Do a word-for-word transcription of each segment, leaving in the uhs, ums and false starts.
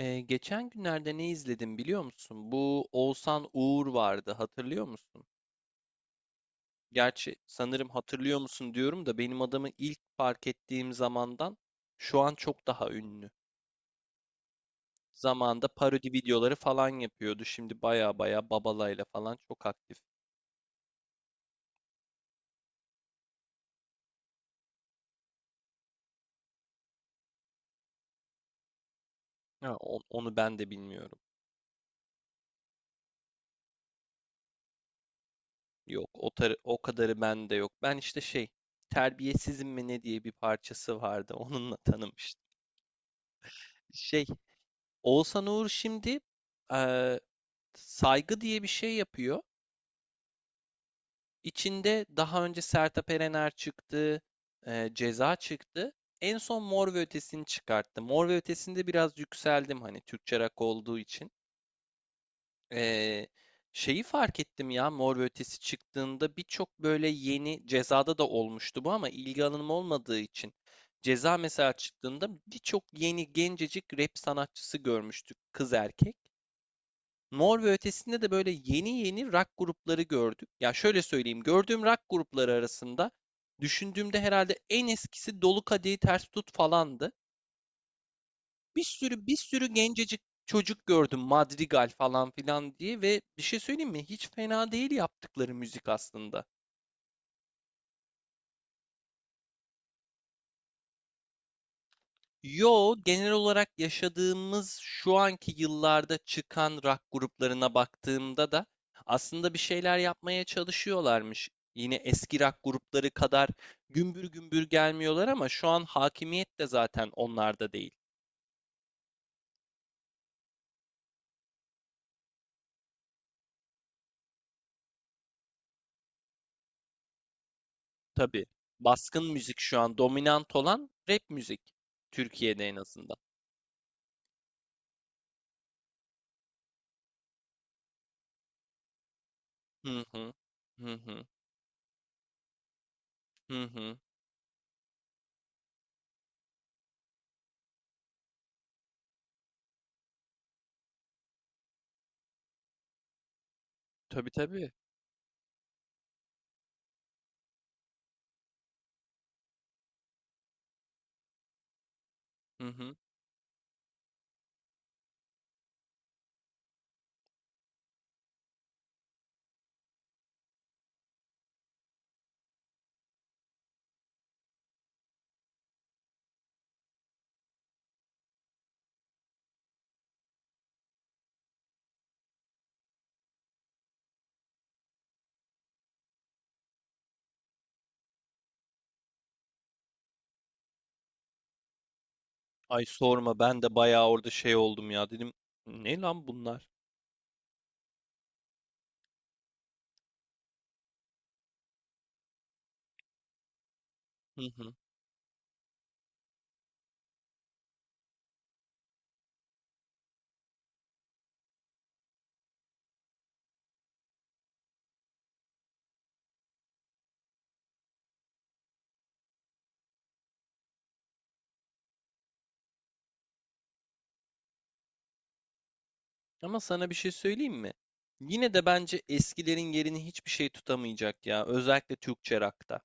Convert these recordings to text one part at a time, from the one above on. Ee, geçen günlerde ne izledim biliyor musun? Bu Oğuzhan Uğur vardı, hatırlıyor musun? Gerçi sanırım hatırlıyor musun diyorum da benim adamı ilk fark ettiğim zamandan şu an çok daha ünlü. Zamanında parodi videoları falan yapıyordu. Şimdi baya baya Babala'yla falan çok aktif. Ha, o- onu ben de bilmiyorum. Yok, o, tar- o kadarı bende yok. Ben işte şey, Terbiyesizim mi ne diye bir parçası vardı. Onunla tanımıştım. Şey, Oğuzhan Uğur şimdi eee, saygı diye bir şey yapıyor. İçinde daha önce Sertab Erener çıktı, e, Ceza çıktı. En son Mor ve Ötesi'ni çıkarttı. Mor ve Ötesi'nde biraz yükseldim hani Türkçe rock olduğu için. E, şeyi fark ettim ya, Mor ve Ötesi çıktığında birçok böyle yeni Ceza'da da olmuştu bu ama ilgi alanım olmadığı için. Ceza mesela çıktığında birçok yeni gencecik rap sanatçısı görmüştük, kız erkek. Mor ve Ötesi'nde de böyle yeni yeni rock grupları gördük. Ya şöyle söyleyeyim, gördüğüm rock grupları arasında düşündüğümde herhalde en eskisi Dolu Kadehi Ters Tut falandı. Bir sürü bir sürü gencecik çocuk gördüm, Madrigal falan filan diye, ve bir şey söyleyeyim mi? Hiç fena değil yaptıkları müzik aslında. Yo, genel olarak yaşadığımız şu anki yıllarda çıkan rock gruplarına baktığımda da aslında bir şeyler yapmaya çalışıyorlarmış. Yine eski rock grupları kadar gümbür gümbür gelmiyorlar ama şu an hakimiyet de zaten onlarda değil. Tabii, baskın müzik şu an dominant olan rap müzik. Türkiye'de en azından. Hı hı. Hı hı. Hı hı. Tabii tabii. Hı hı. Ay sorma, ben de bayağı orada şey oldum ya, dedim. Ne lan bunlar? Hı hı. Ama sana bir şey söyleyeyim mi? Yine de bence eskilerin yerini hiçbir şey tutamayacak ya. Özellikle Türkçe rock'ta.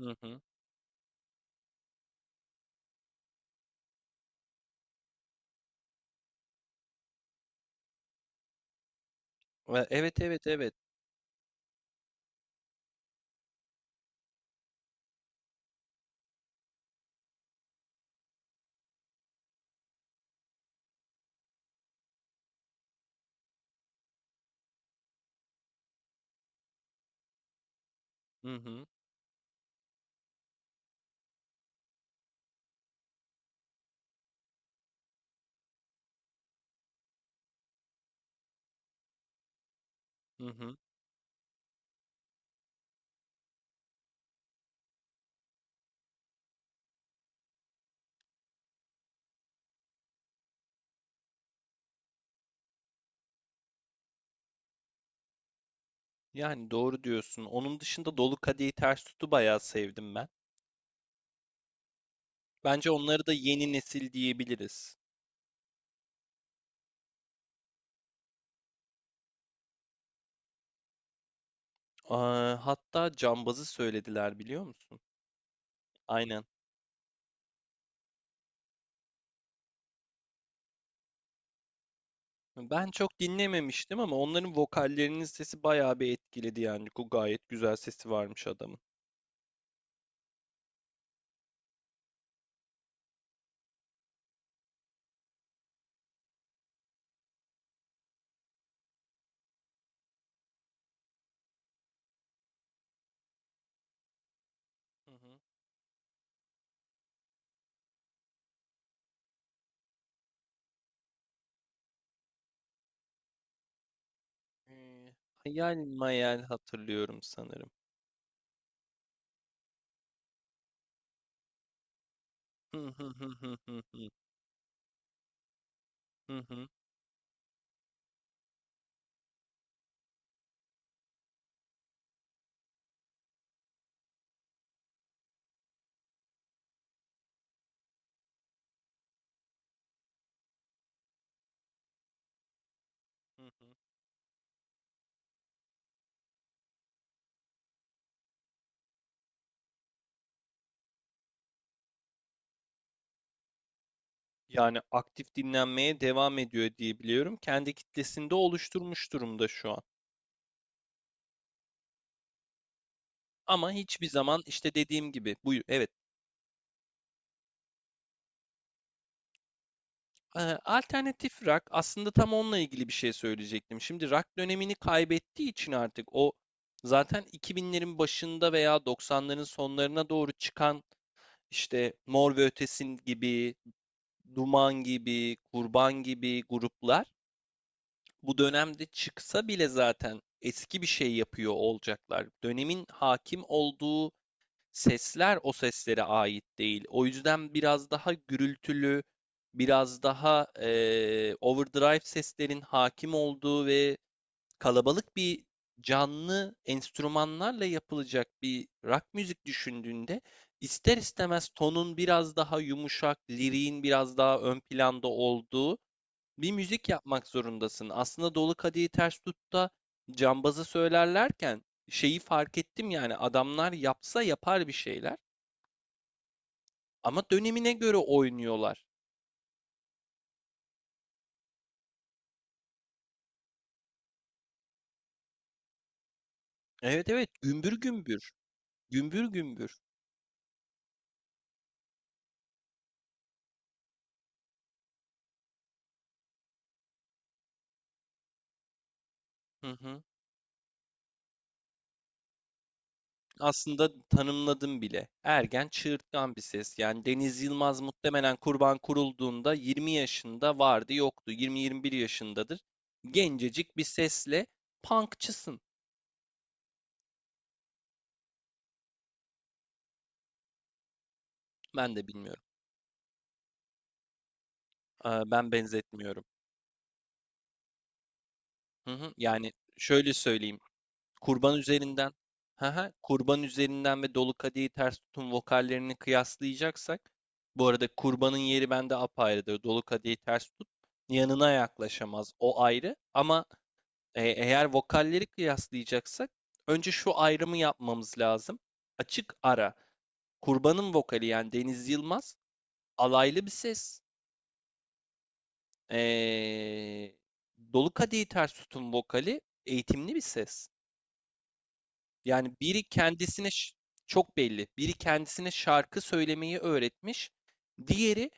Hı hı. Ve- Evet evet evet. Hı hı. Hı hı. Yani doğru diyorsun. Onun dışında Dolu Kadehi Ters Tut'u bayağı sevdim ben. Bence onları da yeni nesil diyebiliriz. Aa, hatta Cambaz'ı söylediler biliyor musun? Aynen. Ben çok dinlememiştim ama onların vokallerinin sesi bayağı bir etkiledi yani. Gayet güzel sesi varmış adamın. Hı hı. Eee, Hayal mayal hatırlıyorum sanırım. Hı hı hı hı hı hı. Hı hı, hı. Yani aktif dinlenmeye devam ediyor diye biliyorum. Kendi kitlesinde oluşturmuş durumda şu an. Ama hiçbir zaman işte dediğim gibi bu, evet. Ee, Alternatif rock, aslında tam onunla ilgili bir şey söyleyecektim. Şimdi rock dönemini kaybettiği için artık o zaten iki binlerin başında veya doksanların sonlarına doğru çıkan işte Mor ve Ötesi gibi, Duman gibi, Kurban gibi gruplar bu dönemde çıksa bile zaten eski bir şey yapıyor olacaklar. Dönemin hakim olduğu sesler o seslere ait değil. O yüzden biraz daha gürültülü, biraz daha eee, overdrive seslerin hakim olduğu ve kalabalık bir canlı enstrümanlarla yapılacak bir rock müzik düşündüğünde, ister istemez tonun biraz daha yumuşak, liriğin biraz daha ön planda olduğu bir müzik yapmak zorundasın. Aslında Dolu Kadehi Ters Tut'ta cambazı söylerlerken şeyi fark ettim, yani adamlar yapsa yapar bir şeyler ama dönemine göre oynuyorlar. Evet evet, gümbür gümbür. Gümbür gümbür. Hı hı. Aslında tanımladım bile. Ergen, çığırtkan bir ses. Yani Deniz Yılmaz muhtemelen Kurban kurulduğunda yirmi yaşında vardı, yoktu. yirmi yirmi bir yaşındadır. Gencecik bir sesle punkçısın. Ben de bilmiyorum. Ee, Ben benzetmiyorum. Hı hı. Yani şöyle söyleyeyim. Kurban üzerinden, hı hı, Kurban üzerinden ve Dolu Kadehi Ters Tutun vokallerini kıyaslayacaksak, bu arada Kurban'ın yeri bende apayrıdır. Dolu Kadehi Ters Tut yanına yaklaşamaz. O ayrı. Ama E, eğer vokalleri kıyaslayacaksak önce şu ayrımı yapmamız lazım. Açık ara. Kurban'ın vokali, yani Deniz Yılmaz, alaylı bir ses. E, Dolu Kadehi Ters Tut'un vokali eğitimli bir ses. Yani biri kendisine ş- çok belli. Biri kendisine şarkı söylemeyi öğretmiş. Diğeri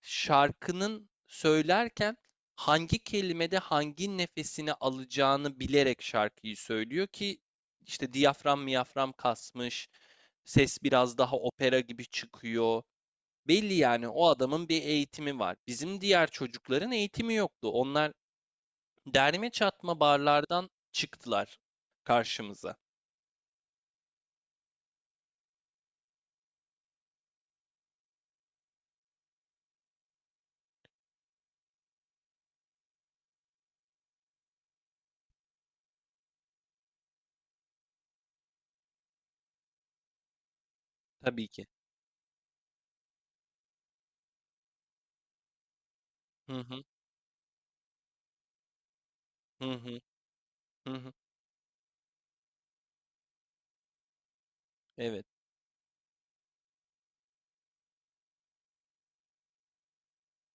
şarkının söylerken hangi kelimede hangi nefesini alacağını bilerek şarkıyı söylüyor ki işte diyafram miyafram kasmış, ses biraz daha opera gibi çıkıyor. Belli yani o adamın bir eğitimi var. Bizim diğer çocukların eğitimi yoktu. Onlar derme çatma barlardan çıktılar karşımıza, tabii ki. Hı hı. Hı hı. Hı hı. Evet.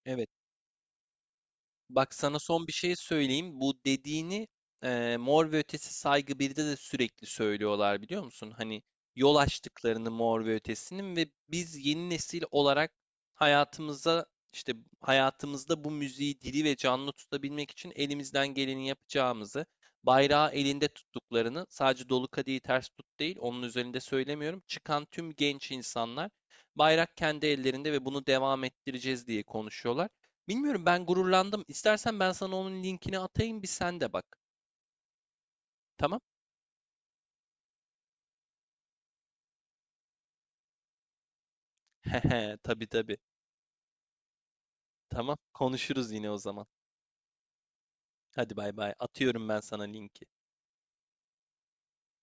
Evet. Bak sana son bir şey söyleyeyim. Bu dediğini eee, Mor ve Ötesi Saygı birde de sürekli söylüyorlar biliyor musun? Hani yol açtıklarını Mor ve Ötesi'nin ve biz yeni nesil olarak hayatımıza işte hayatımızda bu müziği diri ve canlı tutabilmek için elimizden geleni yapacağımızı, bayrağı elinde tuttuklarını, sadece Dolu Kadehi Ters Tut değil, onun üzerinde söylemiyorum. Çıkan tüm genç insanlar bayrak kendi ellerinde ve bunu devam ettireceğiz diye konuşuyorlar. Bilmiyorum, ben gururlandım. İstersen ben sana onun linkini atayım, bir sen de bak. Tamam? Hehe, tabii tabii. Tamam, konuşuruz yine o zaman. Hadi, bay bay. Atıyorum ben sana linki.